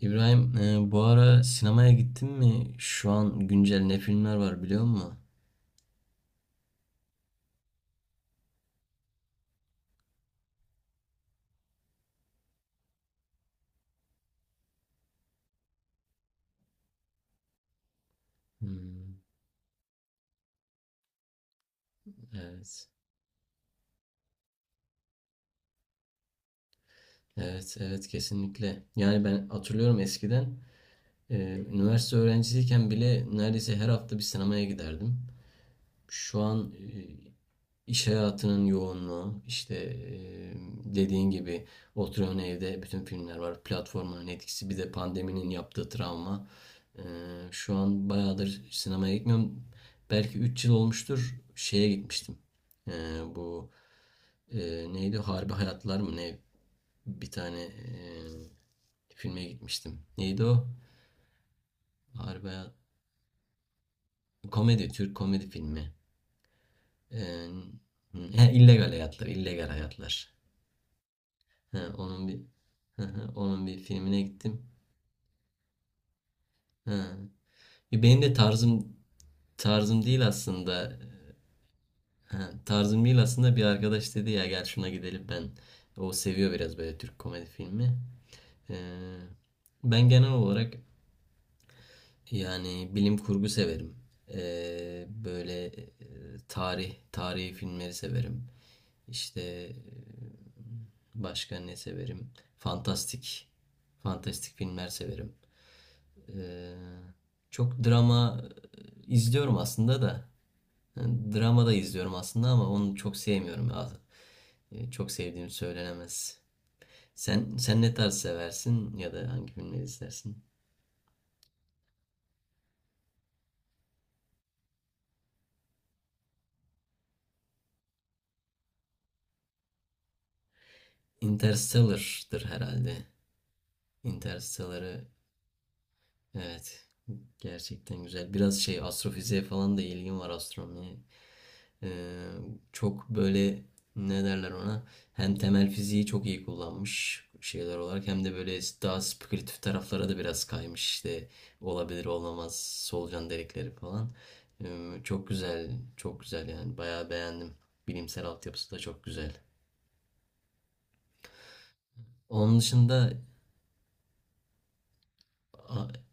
İbrahim, bu ara sinemaya gittin mi? Şu an güncel ne filmler var biliyor musun? Hmm, evet. Evet, evet kesinlikle. Yani ben hatırlıyorum eskiden e, üniversite öğrencisiyken bile neredeyse her hafta bir sinemaya giderdim. Şu an İş hayatının yoğunluğu, işte dediğin gibi oturuyorsun evde bütün filmler var. Platformların etkisi bir de pandeminin yaptığı travma. Eee, Şu an bayağıdır sinemaya gitmiyorum. Belki 3 yıl olmuştur şeye gitmiştim. Eee, Bu neydi? Harbi Hayatlar mı ne? Bir tane filme gitmiştim. Neydi o? Harbi Hayat... Komedi, Türk komedi filmi. Eee, he, illegal Hayatlar, illegal Hayatlar. He, onun bir onun bir filmine gittim. He. Benim de tarzım değil aslında. He, tarzım değil aslında bir arkadaş dedi ya gel şuna gidelim ben. O seviyor biraz böyle Türk komedi filmi. Ee, Ben genel olarak yani bilim kurgu severim. Böyle tarihi filmleri severim. İşte başka ne severim? Fantastik fantastik filmler severim. Ee, Çok drama izliyorum aslında da. Yani drama da izliyorum aslında ama onu çok sevmiyorum ya. Çok sevdiğim söylenemez. Sen ne tarz seversin ya da hangi filmleri izlersin? Interstellar'dır herhalde. Interstellar'ı evet gerçekten güzel. Biraz şey astrofiziğe falan da ilgim var astronomiye. Ee, Çok böyle ne derler ona hem temel fiziği çok iyi kullanmış şeyler olarak hem de böyle daha spekülatif taraflara da biraz kaymış işte olabilir olmamaz solucan delikleri falan. Çok güzel çok güzel yani bayağı beğendim. Bilimsel altyapısı da çok güzel. Onun dışında a-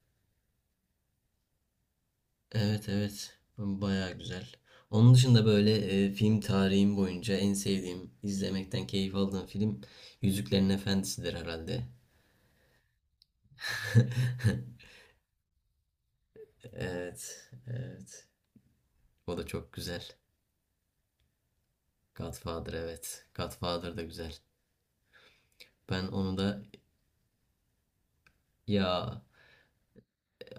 evet evet bayağı güzel. Onun dışında böyle film tarihim boyunca en sevdiğim, izlemekten keyif aldığım film Yüzüklerin Efendisi'dir herhalde. Evet, evet. O da çok güzel. Godfather evet. Godfather da güzel. Ben onu da ya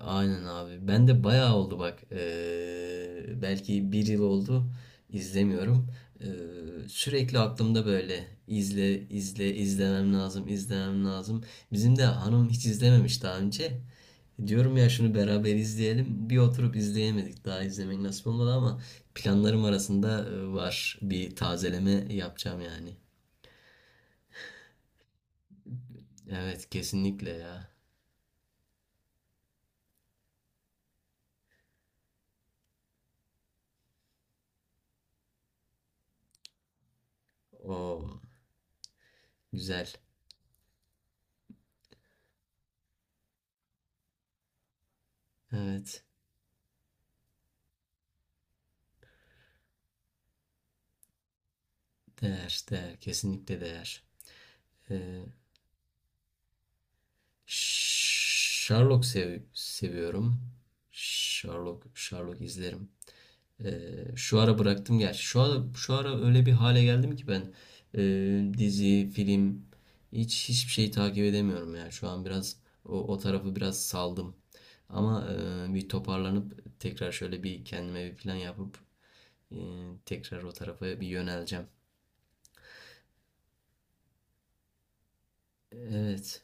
aynen abi. Ben de bayağı oldu bak. Belki bir yıl oldu. İzlemiyorum. Sürekli aklımda böyle izle izle izlemem lazım izlemem lazım. Bizim de hanım hiç izlememiş daha önce. Diyorum ya şunu beraber izleyelim. Bir oturup izleyemedik. Daha izlemek nasip olmadı ama planlarım arasında var. Bir tazeleme yapacağım yani. Evet kesinlikle ya. O güzel. Evet. Değer, değer. Kesinlikle değer. Ee, Sherlock seviyorum. Sherlock, Sherlock izlerim. Şu ara bıraktım gerçi. Şu ara öyle bir hale geldim ki ben dizi, film hiç hiçbir şeyi takip edemiyorum ya. Şu an biraz o tarafı biraz saldım. Ama bir toparlanıp tekrar şöyle bir kendime bir plan yapıp ee, tekrar o tarafa bir yöneleceğim. Evet,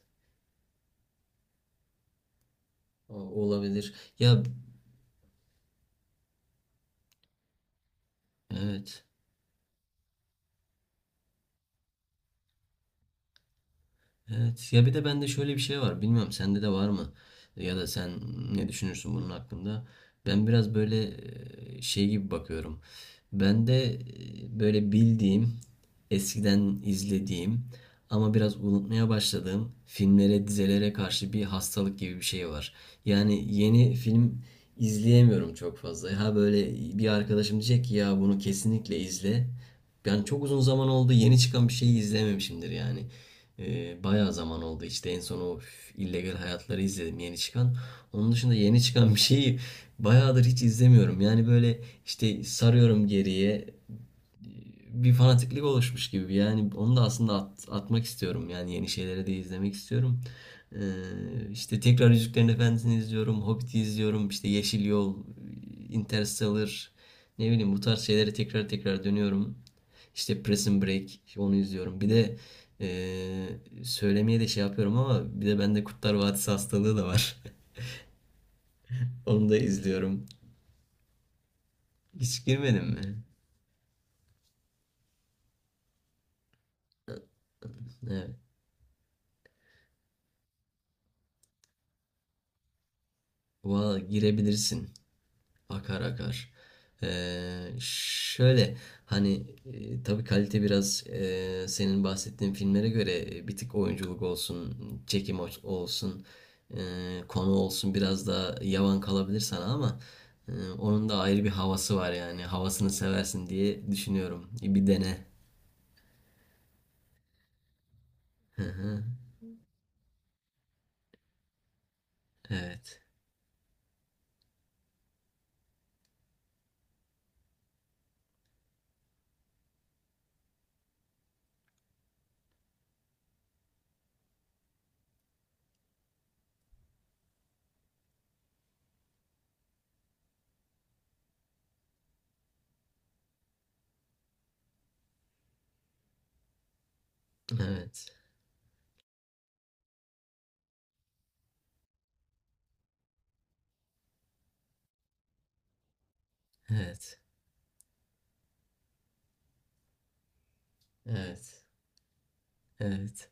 o- olabilir. Ya evet. Evet ya bir de bende şöyle bir şey var. Bilmiyorum sende de var mı? Ya da sen ne düşünürsün bunun hakkında? Ben biraz böyle şey gibi bakıyorum. Ben de böyle bildiğim, eskiden izlediğim ama biraz unutmaya başladığım filmlere, dizelere karşı bir hastalık gibi bir şey var. Yani yeni film izleyemiyorum çok fazla. Ha böyle bir arkadaşım diyecek ki ya bunu kesinlikle izle. Yani çok uzun zaman oldu yeni çıkan bir şeyi izlememişimdir yani. Bayağı zaman oldu işte en son o illegal hayatları izledim yeni çıkan. Onun dışında yeni çıkan bir şeyi bayağıdır hiç izlemiyorum. Yani böyle işte sarıyorum geriye bir fanatiklik oluşmuş gibi. Yani onu da aslında atmak istiyorum. Yani yeni şeyleri de izlemek istiyorum. Ee, işte tekrar Yüzüklerin Efendisi'ni izliyorum. Hobbit'i izliyorum. İşte Yeşil Yol, Interstellar. Ne bileyim bu tarz şeylere tekrar tekrar dönüyorum. İşte Prison Break işte onu izliyorum. Bir de ee, söylemeye de şey yapıyorum ama bir de bende Kurtlar Vadisi hastalığı da var. Onu da izliyorum. Hiç girmedin mi? Evet. Valla girebilirsin. Akar akar. Şöyle hani tabii kalite biraz senin bahsettiğin filmlere göre bir tık oyunculuk olsun, çekim olsun, konu olsun biraz daha yavan kalabilir sana ama e, onun da ayrı bir havası var yani. Havasını seversin diye düşünüyorum. Bir dene. Hı hı. Evet. Evet. Evet. Evet. Evet.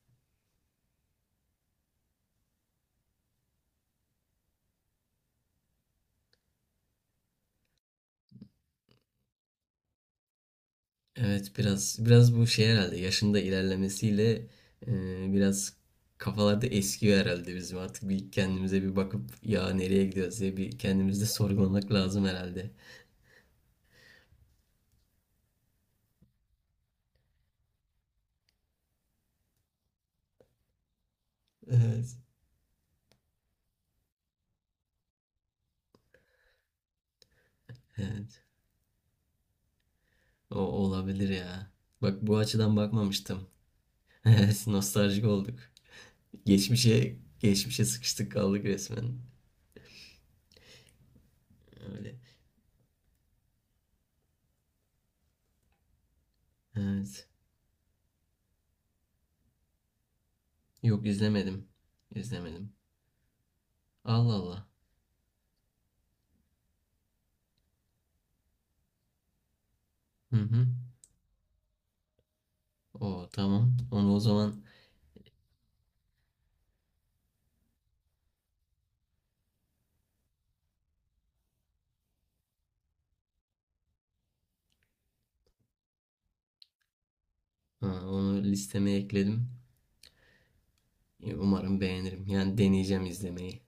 Evet biraz biraz bu şey herhalde yaşında ilerlemesiyle biraz kafalarda eskiyor herhalde bizim artık bir kendimize bir bakıp ya nereye gidiyoruz diye bir kendimizde sorgulamak lazım herhalde. Evet. Evet. O olabilir ya. Bak bu açıdan bakmamıştım. Evet, nostaljik olduk. Geçmişe geçmişe sıkıştık kaldık resmen. Öyle. Evet. Yok izlemedim. İzlemedim. Allah Allah. Hı hı. O tamam. Onu o zaman ha, onu listeme ekledim. Umarım beğenirim. Yani deneyeceğim izlemeyi.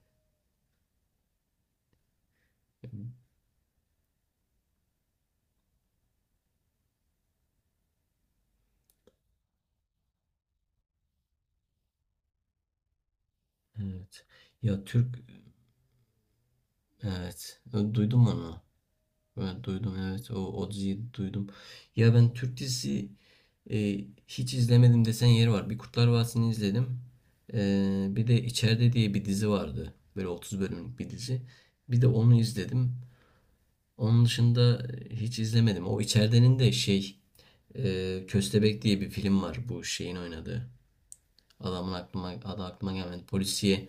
Evet. Ya Türk evet. Duydum onu. Ben duydum evet. O diziyi duydum. Ya ben Türk dizisi e, hiç izlemedim desen yeri var. Bir Kurtlar Vadisi'ni izledim. Bir de İçeride diye bir dizi vardı. Böyle 30 bölümlük bir dizi. Bir de onu izledim. Onun dışında hiç izlemedim. O İçeridenin de şey Köstebek diye bir film var bu şeyin oynadığı. Adamın adı aklıma gelmedi. Polisiye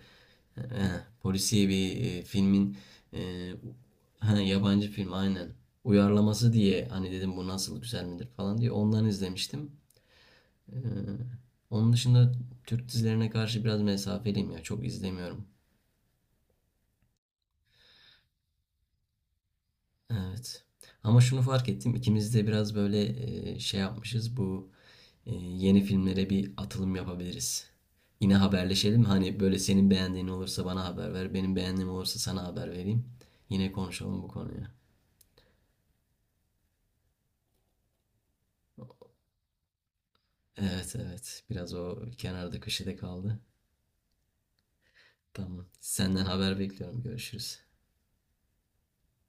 polisiye bir filmin e, ha, yabancı film aynen. Uyarlaması diye hani dedim bu nasıl güzel midir falan diye ondan izlemiştim. Ee, Onun dışında Türk dizilerine karşı biraz mesafeliyim ya çok izlemiyorum. Evet. Ama şunu fark ettim ikimiz de biraz böyle şey yapmışız bu yeni filmlere bir atılım yapabiliriz. Yine haberleşelim. Hani böyle senin beğendiğin olursa bana haber ver. Benim beğendiğim olursa sana haber vereyim. Yine konuşalım bu konuyu. Evet evet. Biraz o kenarda köşede kaldı. Tamam. Senden haber bekliyorum. Görüşürüz.